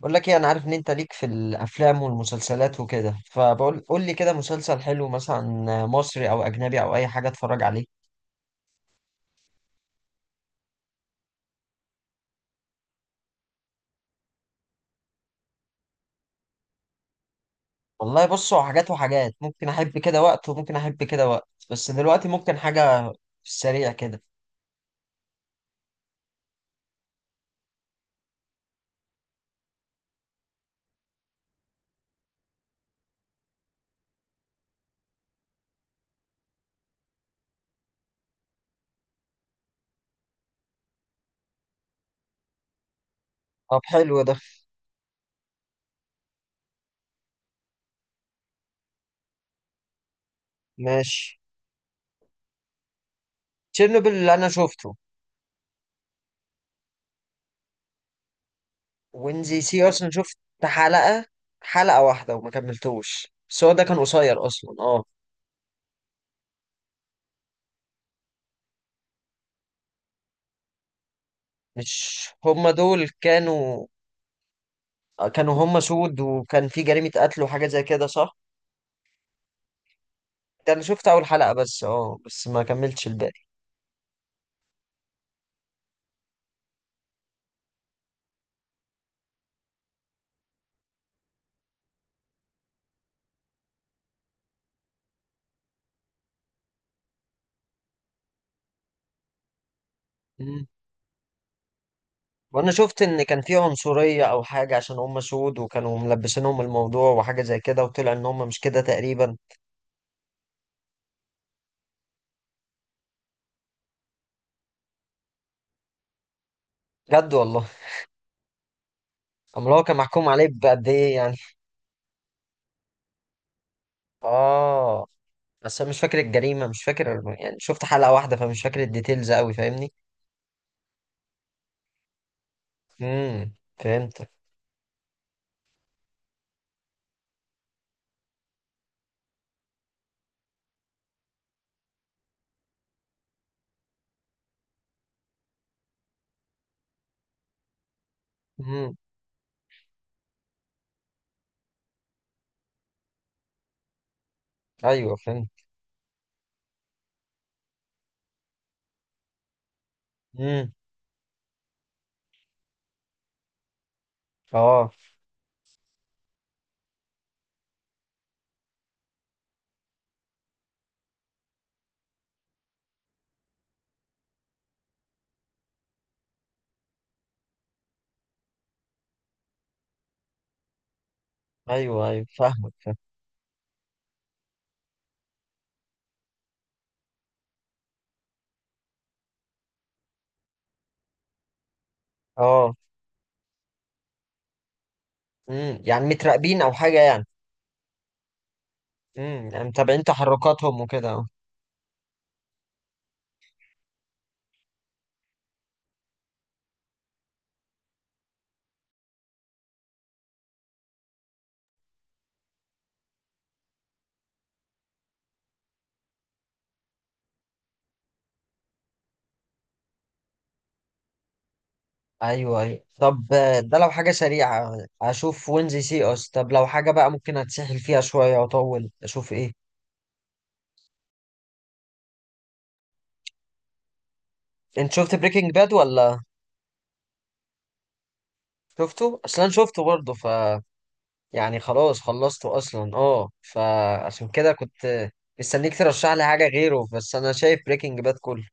بقول لك ايه؟ انا عارف ان انت ليك في الافلام والمسلسلات وكده، قول لي كده مسلسل حلو، مثلا مصري او اجنبي او اي حاجه اتفرج عليه. والله بص، هو حاجات وحاجات، ممكن احب كده وقت وممكن احب كده وقت، بس دلوقتي ممكن حاجه في السريع كده. طب حلو ده. ماشي. تشيرنوبل اللي انا شفته. وينزي سي اصلا شفت حلقه حلقه واحده وما كملتوش، بس هو ده كان قصير اصلا، مش هما دول كانوا، هما سود وكان في جريمه قتل وحاجه زي كده، صح؟ ده انا شفت اول حلقة بس، بس ما كملتش الباقي. مم. وانا شفت ان كان في عنصرية او حاجة عشان هم سود، وكانوا ملبسينهم الموضوع وحاجة زي كده، وطلع ان هم مش كده تقريبا. بجد والله. امال هو كان محكوم عليه بقد ايه يعني؟ اه، بس انا مش فاكر الجريمة، مش فاكر، يعني شفت حلقة واحدة فمش فاكر الديتيلز قوي، فاهمني؟ امم فهمتك. امم ايوه فهمت. امم، اه. ايوه ايوه، فاهمك فاهم. اه. يعني متراقبين او حاجة يعني. يعني متابعين تحركاتهم وكده. ايوه ايوه. طب، ده لو حاجه سريعه اشوف وينزي سي اس، طب لو حاجه بقى ممكن اتسحل فيها شويه واطول، اشوف ايه؟ انت شفت بريكنج باد ولا؟ شفته اصلا، شفته برضه، يعني خلاص خلصته اصلا، فعشان كده كنت مستنيك ترشح لي حاجه غيره، بس انا شايف بريكنج باد كله.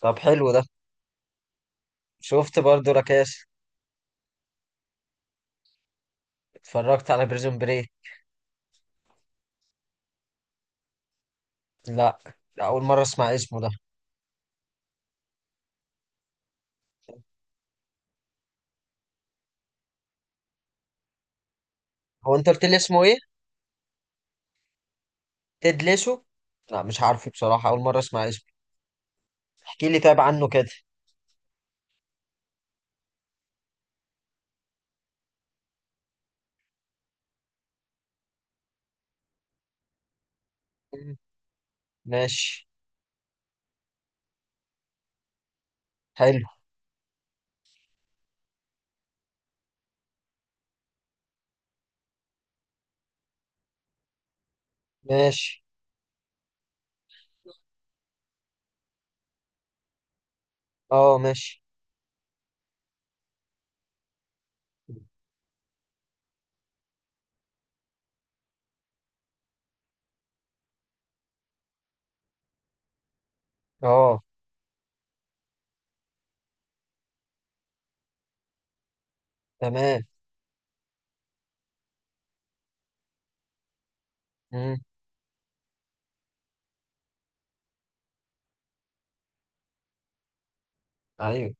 طب حلو ده. شفت برضه راكاش. اتفرجت على بريزون بري. لا، لا، اول مره اسمع اسمه ده. هو انت قلت لي اسمه ايه؟ تدلسه؟ لا مش عارفه بصراحه، اول مره اسمع اسمه. احكي لي طيب عنه كده. مم. ماشي. حلو. ماشي. اه. ماشي. اه. تمام. امم. ايوه.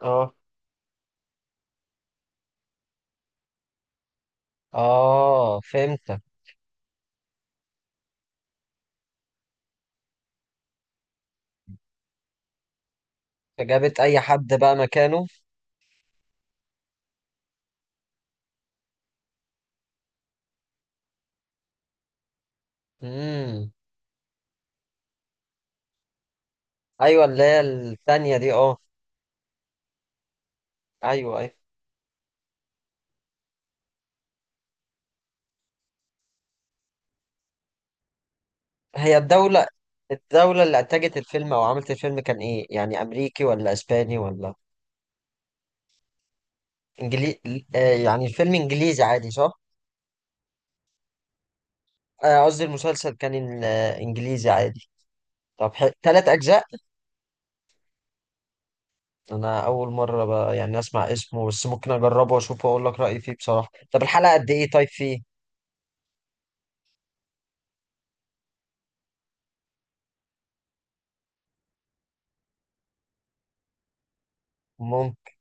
اه. اه، فهمتك. فجابت اي حد بقى مكانه؟ امم. ايوه، اللي هي الثانيه دي، اه. ايوه ايوه. هي الدوله اللي انتجت الفيلم او عملت الفيلم كان ايه، يعني امريكي ولا اسباني ولا انجلي آه يعني الفيلم انجليزي عادي، صح؟ قصدي المسلسل كان، انجليزي عادي. طب تلات اجزاء. انا اول مره بقى يعني اسمع اسمه، بس ممكن اجربه واشوفه واقول لك رايي فيه بصراحه. طب الحلقه قد ايه؟ طيب فيه. ممكن.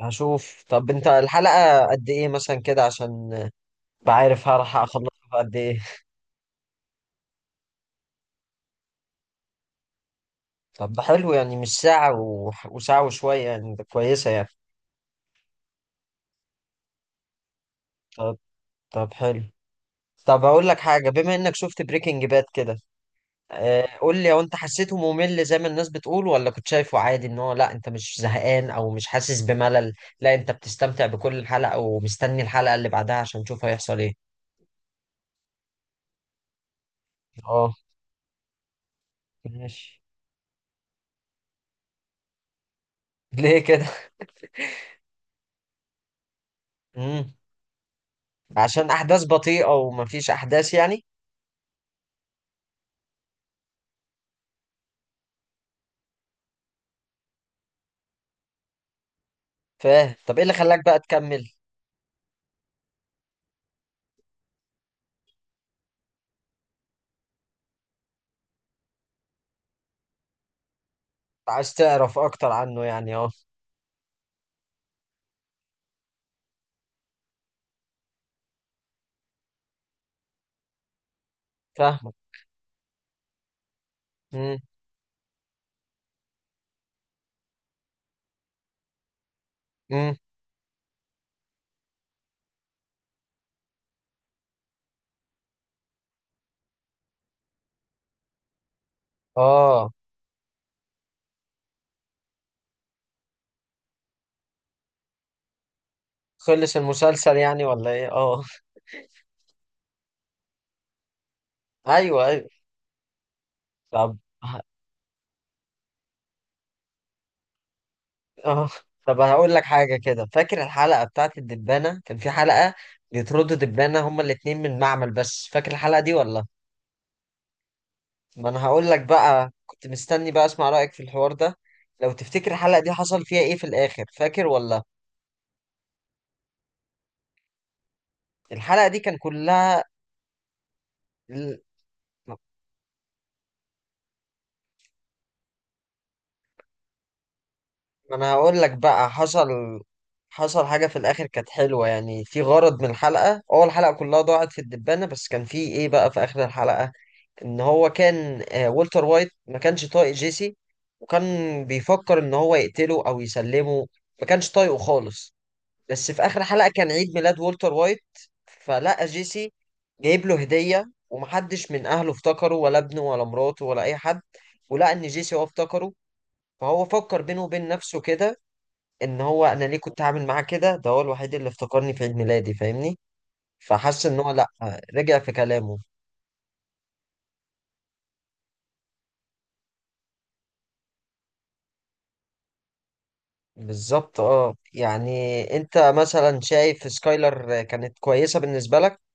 هشوف. طب انت الحلقه قد ايه مثلا كده، عشان بعرف هلحق اخلصها في قد ايه. طب ده حلو، يعني مش ساعه وساعه وشويه يعني، ده كويسه يعني. طب. طب حلو. طب اقول لك حاجه، بما انك شفت بريكنج باد كده، قول لي، هو انت حسيته ممل زي ما الناس بتقول ولا كنت شايفه عادي؟ ان هو لا، انت مش زهقان او مش حاسس بملل، لا، انت بتستمتع بكل حلقة ومستني الحلقة اللي بعدها عشان تشوف هيحصل ايه. اه، ماشي. ليه كده؟ امم عشان احداث بطيئة ومفيش احداث يعني. فاهم. طب ايه اللي خلاك بقى تكمل؟ عايز تعرف اكتر عنه يعني، اه. فاهمك. امم. امم. اه. خلص المسلسل يعني ولا ايه؟ اه. ايوه ايوه. طب، اه طب هقول لك حاجة كده. فاكر الحلقة بتاعت الدبانة؟ كان في حلقة بيطردوا دبانة هما الاتنين من المعمل، بس فاكر الحلقة دي ولا؟ ما انا هقول لك بقى، كنت مستني بقى اسمع رأيك في الحوار ده. لو تفتكر الحلقة دي حصل فيها ايه في الآخر، فاكر ولا؟ الحلقة دي كان كلها ال- ما انا هقول لك بقى، حصل. حصل حاجة في الآخر كانت حلوة، يعني في غرض من الحلقة. أول الحلقة كلها ضاعت في الدبانة، بس كان في ايه بقى في آخر الحلقة؟ ان هو كان، والتر وايت ما كانش طايق جيسي، وكان بيفكر ان هو يقتله او يسلمه، ما كانش طايقه خالص. بس في اخر حلقة كان عيد ميلاد والتر وايت، فلقى جيسي جايب له هدية، ومحدش من اهله افتكره ولا ابنه ولا مراته ولا اي حد. ولقى ان جيسي هو افتكره. فهو فكر بينه وبين نفسه كده، ان هو، انا ليه كنت عامل معاه كده؟ ده هو الوحيد اللي افتكرني في عيد ميلادي، فاهمني؟ فحس ان هو لا، رجع في كلامه. بالظبط اه. يعني انت مثلا شايف سكايلر كانت كويسة بالنسبة لك؟